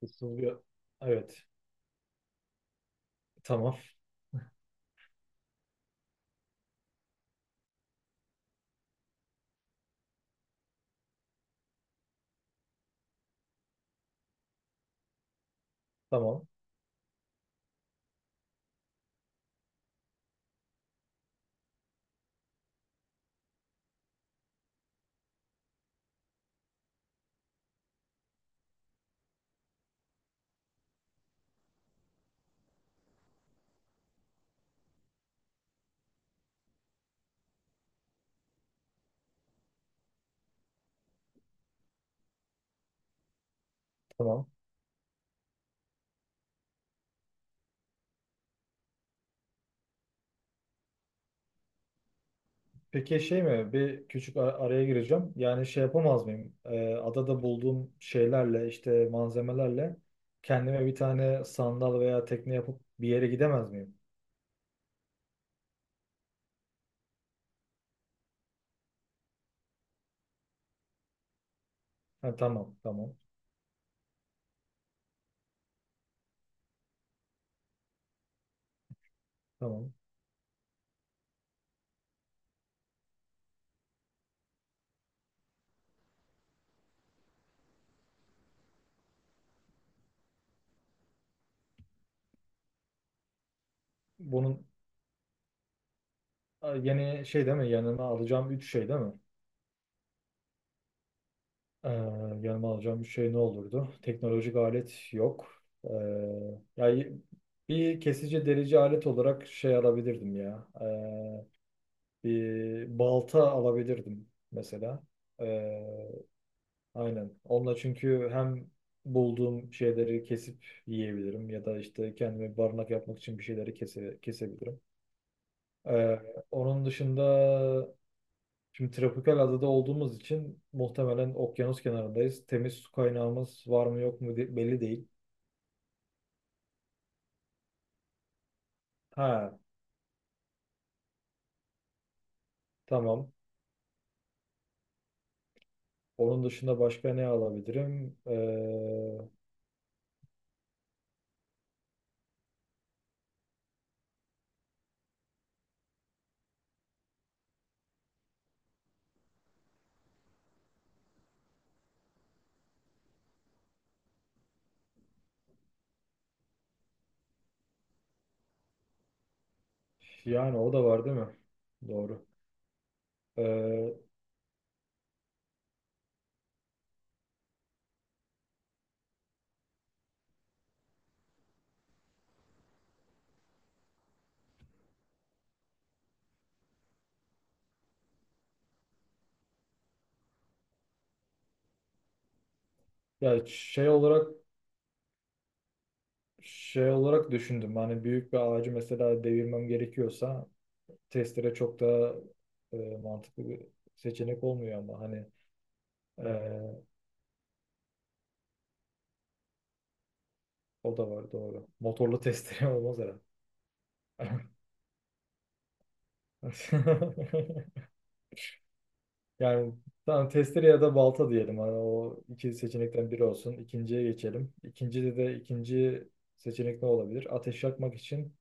Kısılıyor. Evet. Tamam. Tamam. Tamam. Peki şey mi? Bir küçük araya gireceğim. Yani şey yapamaz mıyım? Adada bulduğum şeylerle işte malzemelerle kendime bir tane sandal veya tekne yapıp bir yere gidemez miyim? Ha, tamam. Tamam. Tamam. Bunun a, yeni şey değil mi? Yanıma alacağım üç şey değil mi? Ee, Yanıma alacağım üç şey ne olurdu? Teknolojik alet yok. Ee, Yani bir kesici delici alet olarak şey alabilirdim ya. Bir balta alabilirdim mesela. Ee, aynen. Onunla çünkü hem bulduğum şeyleri kesip yiyebilirim ya da işte kendime barınak yapmak için bir şeyleri kesebilirim. Ee, Onun dışında şimdi tropikal adada olduğumuz için muhtemelen okyanus kenarındayız. Temiz su kaynağımız var mı yok mu belli değil. Ha, tamam. Onun dışında başka ne alabilirim? Yani o da var değil mi? Doğru. Ee, ya şey olarak şey olarak düşündüm. Hani büyük bir ağacı mesela devirmem gerekiyorsa testere çok daha e, mantıklı bir seçenek olmuyor ama hani e, o da var doğru. Motorlu testere olmaz herhalde. Yani tamam testere ya da balta diyelim. Hani o iki seçenekten biri olsun. İkinciye geçelim. İkincide de ikinci seçenek ne olabilir? Ateş yakmak için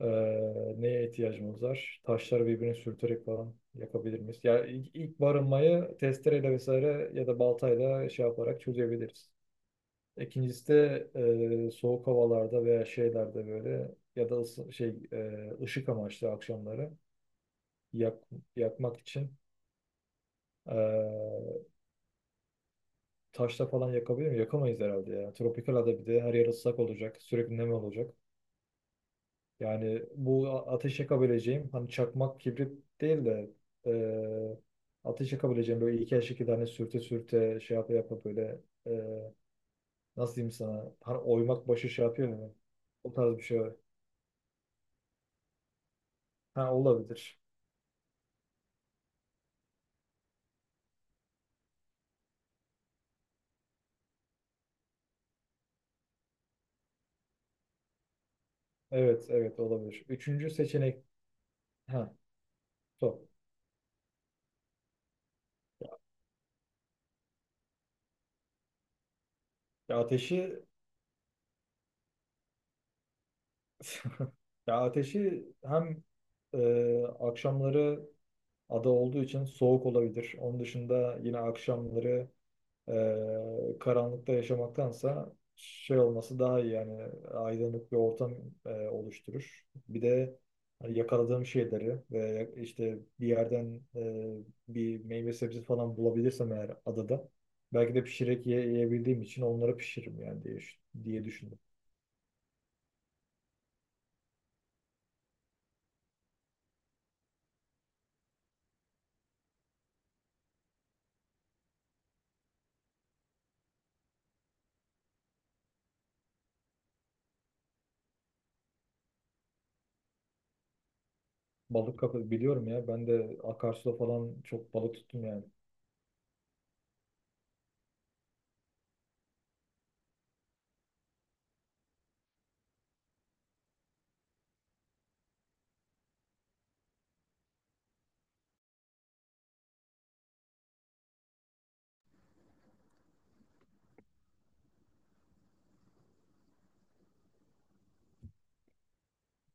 Neye ihtiyacımız var? Taşları birbirine sürterek falan yapabilir miyiz? Yani ilk barınmayı testereyle vesaire ya da baltayla şey yaparak çözebiliriz. İkincisi de soğuk havalarda veya şeylerde böyle ya da şey ışık amaçlı akşamları yak, yakmak için e, taşla falan yakabilir mi? Yakamayız herhalde ya. Tropikal ada bir de her yer ıslak olacak. Sürekli nem olacak. Yani bu ateş yakabileceğim hani çakmak kibrit değil de e, ateş yakabileceğim böyle iki aşık iki tane sürte sürte şey yapa yapa böyle e, nasıl diyeyim sana hani oymak başı şey yapıyor ya o tarz bir şey var. Ha olabilir. Evet evet olabilir. Üçüncü seçenek ha top. Ya ateşi ya ateşi hem akşamları ada olduğu için soğuk olabilir. Onun dışında yine akşamları karanlıkta yaşamaktansa şey olması daha iyi yani aydınlık bir ortam oluşturur. Bir de hani yakaladığım şeyleri ve işte bir yerden bir meyve sebze falan bulabilirsem eğer adada belki de pişirerek yiyebildiğim için onları pişiririm yani diye düşündüm. Balık kapı biliyorum ya ben de akarsuda falan çok balık tuttum yani.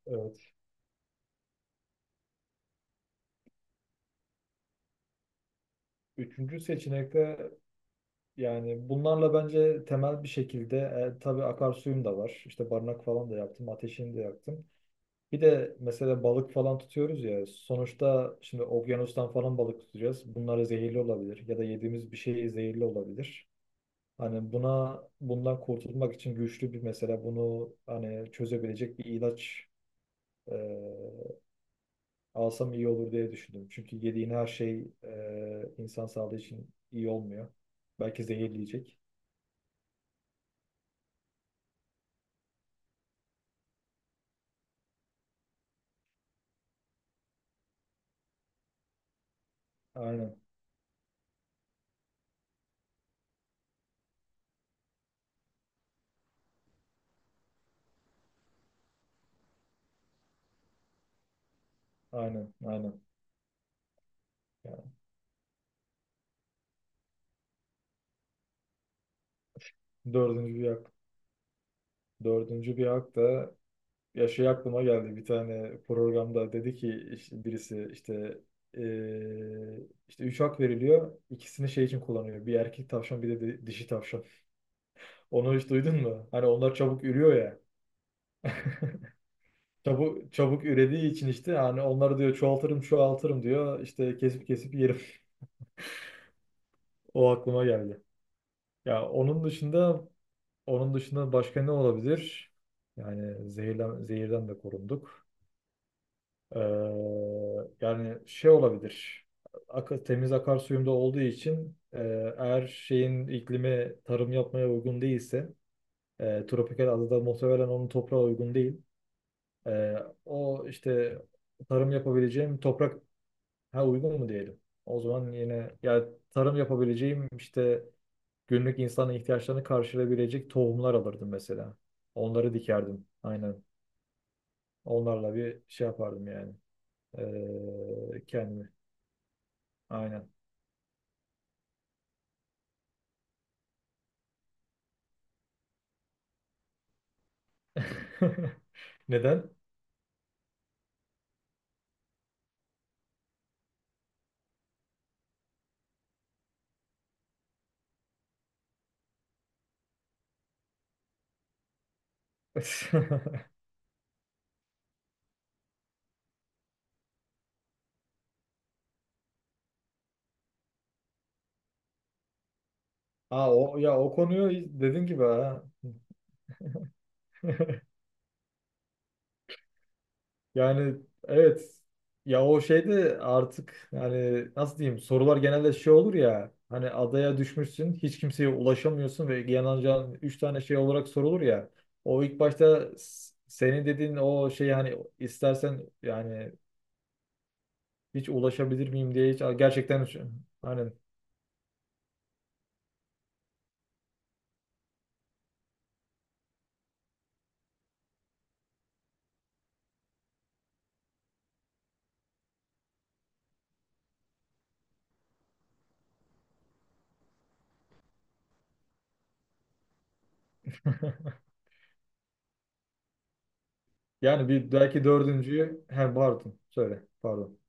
Evet. Üçüncü seçenekte yani bunlarla bence temel bir şekilde tabii akarsuyum da var. İşte barınak falan da yaptım, ateşini de yaktım. Bir de mesela balık falan tutuyoruz ya. Sonuçta şimdi okyanustan falan balık tutacağız. Bunlar zehirli olabilir ya da yediğimiz bir şey zehirli olabilir. Hani buna bundan kurtulmak için güçlü bir mesela bunu hani çözebilecek bir ilaç e, alsam iyi olur diye düşündüm. Çünkü yediğin her şey insan sağlığı için iyi olmuyor. Belki zehirleyecek. Aynen. Aynen, aynen. Yani dördüncü bir hak. Dördüncü bir hak da ya şey aklıma geldi. Bir tane programda dedi ki işte birisi işte eee, işte üç hak veriliyor. İkisini şey için kullanıyor. Bir erkek tavşan bir de dişi tavşan. Onu hiç duydun mu? Hani onlar çabuk ürüyor ya. Çabuk çabuk ürediği için işte hani onları diyor çoğaltırım çoğaltırım diyor. İşte kesip kesip yerim. O aklıma geldi. Ya onun dışında onun dışında başka ne olabilir? Yani zehirden de korunduk. Ee, Yani şey olabilir. Akı, temiz akarsuyumda olduğu için eğer şeyin iklimi tarım yapmaya uygun değilse tropikal adada muhtemelen onun toprağı uygun değil. E, o işte tarım yapabileceğim toprak ha uygun mu diyelim? O zaman yine ya tarım yapabileceğim işte günlük insanın ihtiyaçlarını karşılayabilecek tohumlar alırdım mesela. Onları dikerdim. Aynen. Onlarla bir şey yapardım yani. Kendimi. Aynen. Neden? Aa, o, ya o konuyu dediğin gibi ha. Yani evet ya o şeyde artık yani nasıl diyeyim sorular genelde şey olur ya hani adaya düşmüşsün hiç kimseye ulaşamıyorsun ve yanacağın 3 tane şey olarak sorulur ya o ilk başta senin dediğin o şey hani istersen yani hiç ulaşabilir miyim diye hiç gerçekten hani yani bir belki dördüncüyü he pardon söyle pardon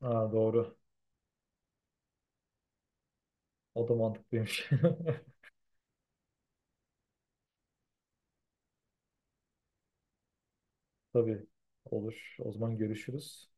ha, doğru o da mantıklıymış tabii olur o zaman görüşürüz.